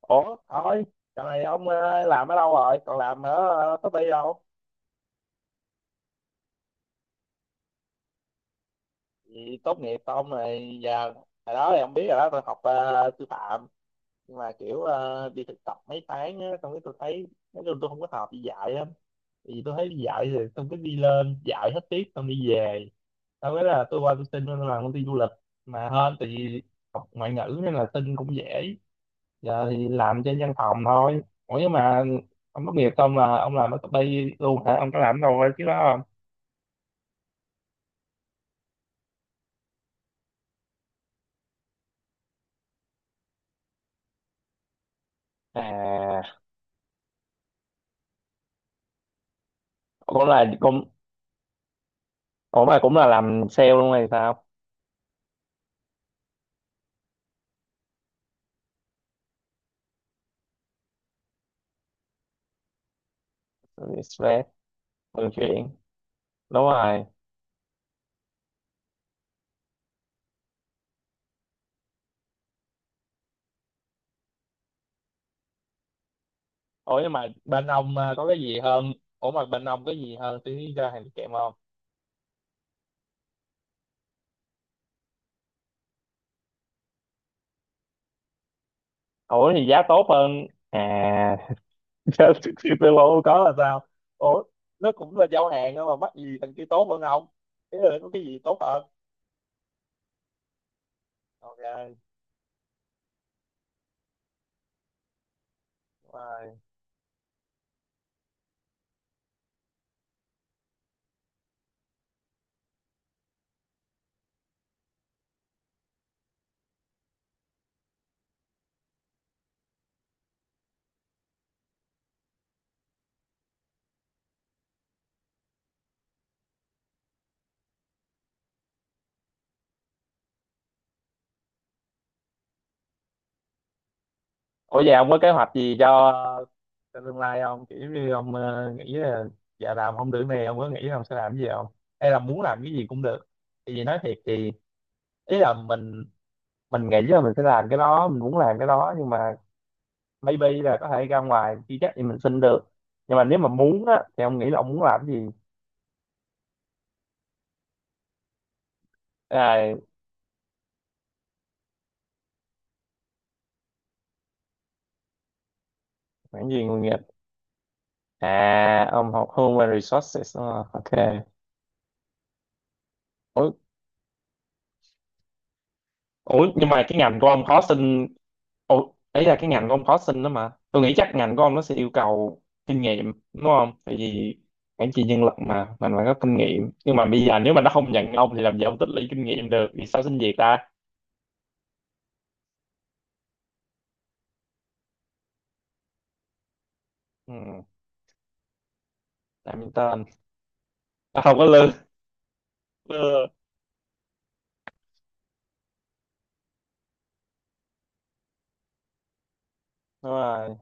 Thôi giờ này ông làm ở đâu rồi, còn làm ở công ty đâu? Thì tốt nghiệp ông này giờ, hồi đó thì ông biết rồi đó, tôi học sư phạm, nhưng mà kiểu đi thực tập mấy tháng á, xong cái tôi thấy nói chung tôi không có hợp đi dạy lắm. Thì tôi thấy đi dạy thì xong cứ đi lên dạy hết tiết xong đi về. Sau cái là tôi qua tôi xin tôi làm công ty du lịch, mà hơn tại vì học ngoại ngữ nên là xin cũng dễ. Giờ thì làm trên văn phòng thôi. Ủa nhưng mà ông tốt nghiệp xong là ông làm ở copy luôn hả, ông có làm đâu chứ đó không? À, cũng là cũng ủa mà cũng là làm sale luôn hay sao? Stress. Vận chuyển, đúng rồi. Ủa nhưng mà bên ông à, có cái gì hơn? Ủa mà bên ông có gì hơn tí, ra hàng kèm không? Ủa thì giá tốt hơn à? Chứ thì tôi bộ có là sao? Ủa, nó cũng là giao hàng đó mà mắc gì thằng kia tốt hơn không? Thế là có cái gì tốt hơn? Ok rồi. Ủa vậy ông có kế hoạch gì cho tương lai không? Kiểu như ông nghĩ là dạ làm không được này, ông có nghĩ là ông sẽ làm cái gì không? Hay là muốn làm cái gì cũng được. Thì vì nói thiệt thì ý là mình nghĩ là mình sẽ làm cái đó, mình muốn làm cái đó, nhưng mà maybe là có thể ra ngoài chưa chắc thì mình xin được. Nhưng mà nếu mà muốn á thì ông nghĩ là ông muốn làm cái gì? À, mảng gì nghề nghiệp? À, ông học Human Resources. Ờ, ok. Ủa, ủa nhưng mà cái ngành của ông có xin. Ủa, ấy là cái ngành của ông có xin đó, mà tôi nghĩ chắc ngành của ông nó sẽ yêu cầu kinh nghiệm đúng không, tại vì quản trị nhân lực mà mình phải có kinh nghiệm, nhưng mà bây giờ nếu mà nó không nhận ông thì làm gì ông tích lũy kinh nghiệm được, vì sao xin việc ta? Ừ, làm tên. À, không có lương. Ừ, đúng rồi,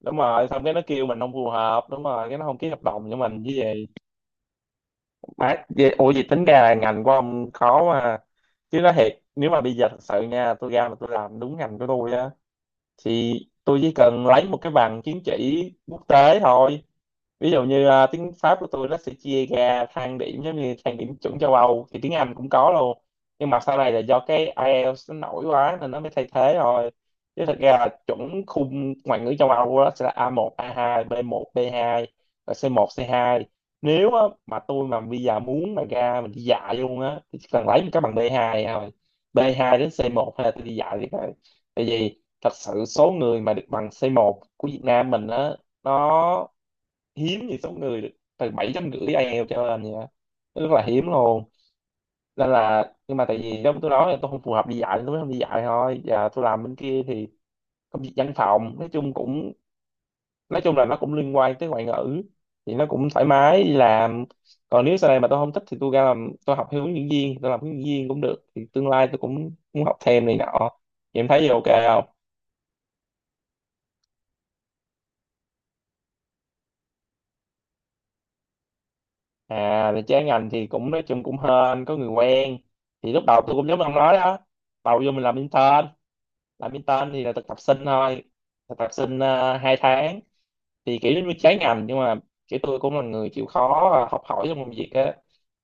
đúng rồi, xong cái nó kêu mình không phù hợp, đúng rồi, cái nó không ký hợp đồng với mình với gì? Má vậy- ủa vậy tính ra là ngành của ông khó mà. Chứ nó thiệt, nếu mà bây giờ thật sự nha, tôi ra mà tôi làm đúng ngành của tôi á, thì tôi chỉ cần lấy một cái bằng chứng chỉ quốc tế thôi. Ví dụ như à, tiếng Pháp của tôi nó sẽ chia ra thang điểm giống như thang điểm chuẩn châu Âu, thì tiếng Anh cũng có luôn, nhưng mà sau này là do cái IELTS nó nổi quá nên nó mới thay thế rồi. Chứ thật ra là chuẩn khung ngoại ngữ châu Âu đó sẽ là A1, A2, B1, B2 và C1, C2. Nếu á, mà tôi mà bây giờ muốn mà ra mình đi dạy luôn á thì chỉ cần lấy một cái bằng B2 thôi, B2 đến C1, hay là tôi đi dạy thì phải, tại vì thật sự số người mà được bằng C1 của Việt Nam mình á, nó hiếm, thì số người từ bảy chấm rưỡi IELTS trở lên vậy đó, rất là hiếm luôn. Nên là, nhưng mà tại vì giống tôi nói là tôi không phù hợp đi dạy nên tôi mới không đi dạy thôi, và tôi làm bên kia thì công việc văn phòng nói chung cũng, nói chung là nó cũng liên quan tới ngoại ngữ, thì nó cũng thoải mái đi làm. Còn nếu sau này mà tôi không thích thì tôi ra làm, tôi học theo hướng dẫn viên, tôi làm hướng dẫn viên cũng được, thì tương lai tôi cũng muốn học thêm này nọ. Thì em thấy gì, ok không? À về trái ngành thì cũng nói chung cũng hên có người quen. Thì lúc đầu tôi cũng giống ông nói đó, đầu vô mình làm intern. Làm intern thì là thực tập sinh thôi, thực tập sinh 2 tháng. Thì kiểu giống như trái ngành nhưng mà kiểu tôi cũng là người chịu khó à, học hỏi trong công việc á,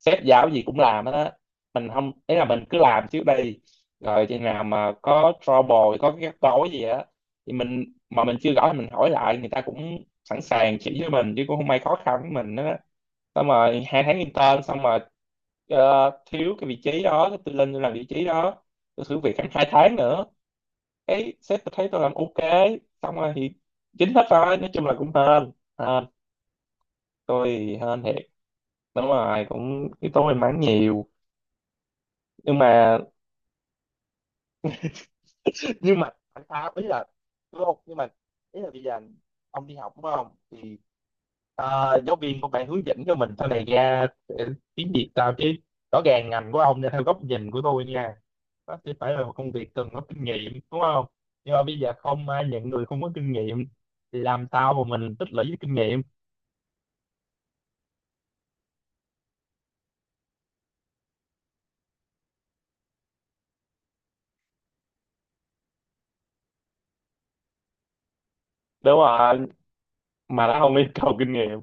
sếp giao gì cũng làm hết á. Mình không, ý là mình cứ làm trước đây, rồi chừng nào mà có trouble, có cái rắc rối gì á thì mình, mà mình chưa rõ thì mình hỏi lại, người ta cũng sẵn sàng chỉ cho mình chứ cũng không ai khó khăn với mình đó. Xong rồi hai tháng intern xong rồi, thiếu cái vị trí đó tôi lên tôi làm vị trí đó, tôi thử việc khoảng hai tháng nữa, cái sếp thấy tôi làm ok, xong rồi thì chính hết rồi. Nói chung là cũng hên, hên, tôi thì hên thiệt. Đúng rồi, cũng yếu tố may mắn nhiều. Nhưng mà nhưng mà tại sao, ý là đúng không, nhưng mà ý là bây giờ ông đi học đúng không, thì giáo viên của bạn hướng dẫn cho mình sau này ra sẽ, tiếng Việt sao chứ, rõ ràng ngành của ông nha, theo góc nhìn của tôi nha, nó sẽ phải là một công việc cần có kinh nghiệm đúng không, nhưng mà bây giờ không ai nhận người không có kinh nghiệm, thì làm sao mà mình tích lũy cái kinh nghiệm? Đúng rồi, mà nó không yêu cầu kinh nghiệm.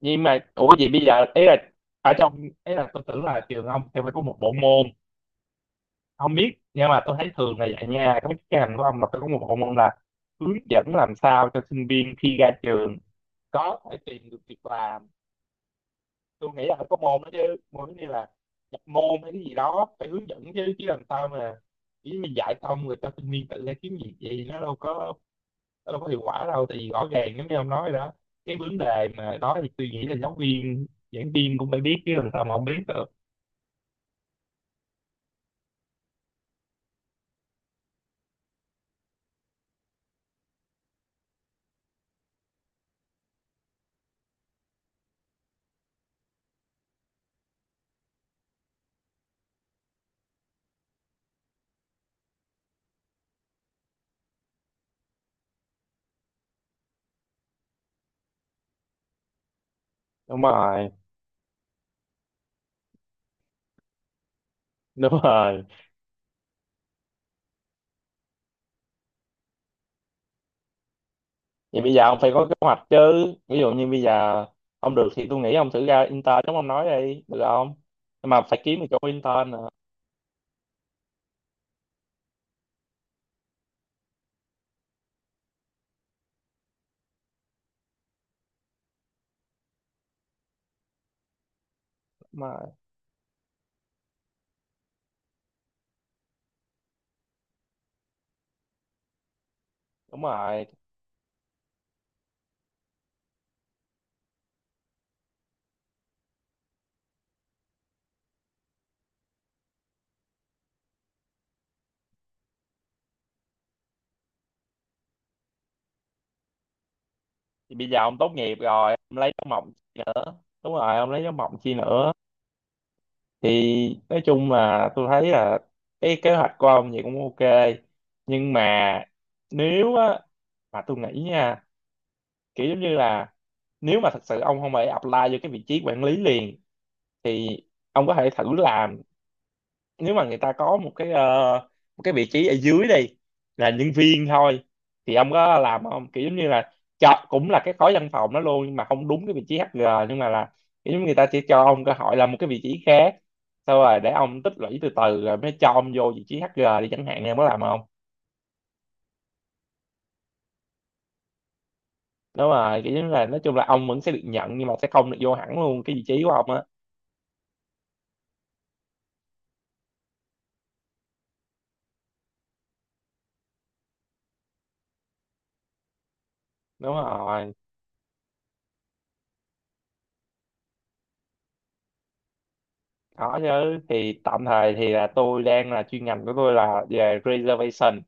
Nhưng mà ủa vậy bây giờ ý là ở trong, ý là tôi tưởng là trường ông sẽ phải có một bộ môn, không biết nhưng mà tôi thấy thường là dạy nha, các cái ngành của ông là phải có một bộ môn là hướng dẫn làm sao cho sinh viên khi ra trường có thể tìm được việc làm. Tôi nghĩ là phải có môn đó chứ, môn như là nhập môn hay cái gì đó phải hướng dẫn chứ, chứ làm sao mà chỉ mình dạy xong rồi cho sinh viên tự ra kiếm việc, gì nó đâu có, nó đâu có hiệu quả đâu, tại vì rõ ràng giống như ông nói đó, cái vấn đề mà đó, thì tôi nghĩ là giáo viên giảng viên cũng phải biết chứ, làm sao mà không biết được? Đúng rồi, đúng rồi. Vậy bây giờ ông phải có kế hoạch chứ, ví dụ như bây giờ ông được thì tôi nghĩ ông thử ra intern giống ông nói đi được không? Nhưng mà phải kiếm được chỗ intern nữa. Đúng rồi, đúng rồi. Thì bây giờ ông tốt nghiệp rồi ông lấy giáo mộng chi nữa, đúng rồi ông lấy giáo mộng chi nữa. Thì nói chung là tôi thấy là cái kế hoạch của ông vậy cũng ok, nhưng mà nếu á, mà tôi nghĩ nha, kiểu giống như là nếu mà thật sự ông không phải apply vô cái vị trí quản lý liền, thì ông có thể thử làm, nếu mà người ta có một cái một cái vị trí ở dưới đi, là nhân viên thôi, thì ông có làm không? Kiểu giống như là cho cũng là cái khối văn phòng đó luôn nhưng mà không đúng cái vị trí HR, nhưng mà là kiểu giống người ta chỉ cho ông cơ hội làm một cái vị trí khác, sau rồi để ông tích lũy từ từ rồi mới cho ông vô vị trí HR đi chẳng hạn, em có làm không? Đúng rồi, kiểu giống là nói chung là ông vẫn sẽ được nhận nhưng mà sẽ không được vô hẳn luôn cái vị trí của ông á. Đúng rồi. Có chứ, thì tạm thời thì là tôi đang là, chuyên ngành của tôi là về reservation,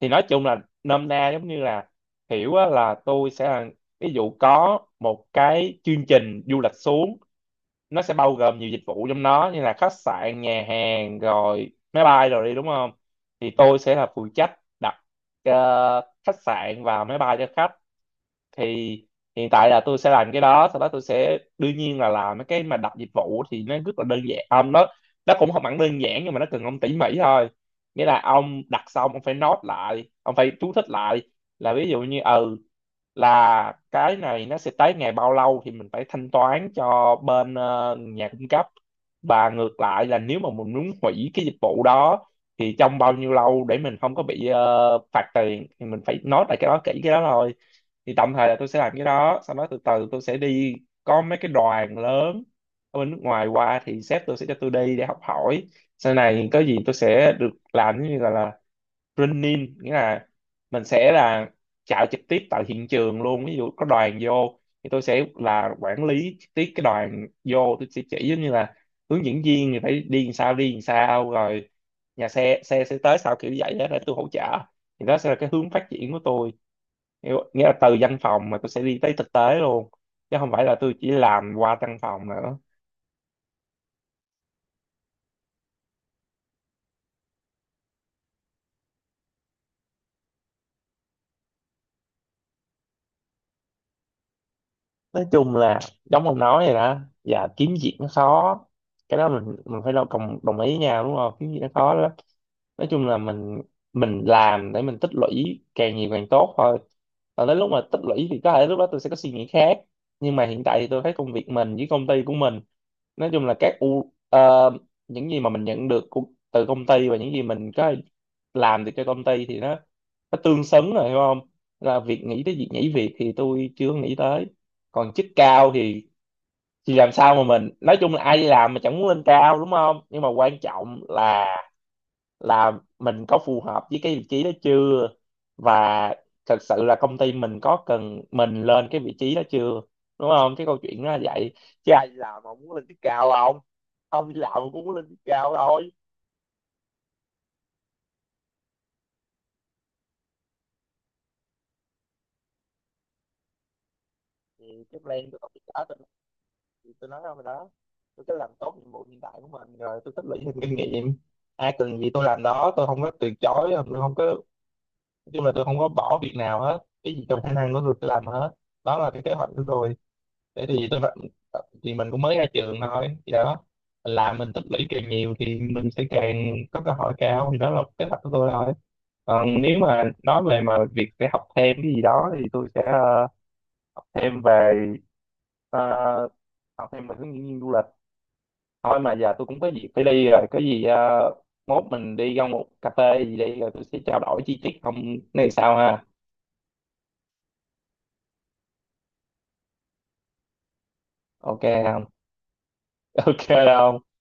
thì nói chung là nôm na giống như là hiểu á, là tôi sẽ là, ví dụ có một cái chương trình du lịch xuống, nó sẽ bao gồm nhiều dịch vụ trong đó như là khách sạn, nhà hàng rồi máy bay rồi đi đúng không, thì tôi sẽ là phụ trách đặt khách sạn và máy bay cho khách. Thì hiện tại là tôi sẽ làm cái đó, sau đó tôi sẽ đương nhiên là làm mấy cái mà đặt dịch vụ thì nó rất là đơn giản ông, nó cũng không hẳn đơn giản nhưng mà nó cần ông tỉ mỉ thôi. Nghĩa là ông đặt xong ông phải note lại, ông phải chú thích lại là, ví dụ như ừ, là cái này nó sẽ tới ngày bao lâu thì mình phải thanh toán cho bên nhà cung cấp, và ngược lại là nếu mà mình muốn hủy cái dịch vụ đó thì trong Bao nhiêu lâu để mình không có bị phạt tiền thì mình phải note lại cái đó kỹ cái đó thôi. Thì tạm thời là tôi sẽ làm cái đó, sau đó từ từ tôi sẽ đi có mấy cái đoàn lớn ở bên nước ngoài qua thì sếp tôi sẽ cho tôi đi để học hỏi. Sau này có gì tôi sẽ được làm, giống như gọi là training, nghĩa là mình sẽ là chạy trực tiếp tại hiện trường luôn. Ví dụ có đoàn vô thì tôi sẽ là quản lý trực tiếp cái đoàn vô, tôi sẽ chỉ giống như là hướng dẫn viên thì phải đi làm sao, đi làm sao, rồi nhà xe, xe sẽ tới sau, kiểu như vậy đó, để tôi hỗ trợ. Thì đó sẽ là cái hướng phát triển của tôi. Nghĩa nghĩa là từ văn phòng mà tôi sẽ đi tới thực tế luôn, chứ không phải là tôi chỉ làm qua văn phòng nữa. Nói chung là giống ông nói vậy đó, và kiếm việc nó khó. Cái đó mình phải đồng đồng đồng ý nhau, đúng không? Kiếm việc nó khó lắm. Nói chung là mình làm để mình tích lũy càng nhiều càng tốt thôi. Còn đến lúc mà tích lũy thì có thể lúc đó tôi sẽ có suy nghĩ khác, nhưng mà hiện tại thì tôi thấy công việc mình với công ty của mình, nói chung là các u những gì mà mình nhận được từ công ty và những gì mình có làm được cho công ty thì nó tương xứng rồi, hiểu không? Là việc nghĩ tới việc nhảy việc thì tôi chưa nghĩ tới. Còn chức cao thì làm sao mà mình, nói chung là ai đi làm mà chẳng muốn lên cao, đúng không? Nhưng mà quan trọng là là mình có phù hợp với cái vị trí đó chưa, và thật sự là công ty mình có cần mình lên cái vị trí đó chưa, đúng không? Cái câu chuyện nó là vậy, chứ ai đi làm mà muốn lên chức cao không? Không đi làm mà cũng muốn lên chức cao thôi. Thì cái plan của tôi đó, thì tôi nói rồi đó, tôi cứ làm tốt nhiệm vụ hiện tại của mình rồi tôi tích lũy thêm kinh nghiệm. Ai cần gì tôi làm đó, tôi không có từ chối, tôi không có, nói chung là tôi không có bỏ việc nào hết, cái gì trong khả năng của tôi làm hết. Đó là cái kế hoạch của tôi. Để thì tôi thì Mình cũng mới ra trường thôi thì đó, mình làm mình tích lũy càng nhiều thì mình sẽ càng có cơ hội cao, thì đó là kế hoạch của tôi thôi. Còn nếu mà nói về mà việc sẽ học thêm cái gì đó thì tôi sẽ học thêm về ờ, học thêm về hướng dẫn viên du lịch thôi. Mà giờ tôi cũng có việc phải đi rồi, có gì mốt mình đi ra một cà phê gì đi rồi tôi sẽ trao đổi chi tiết, không? Này sao ha? Ok, không. Ok, không.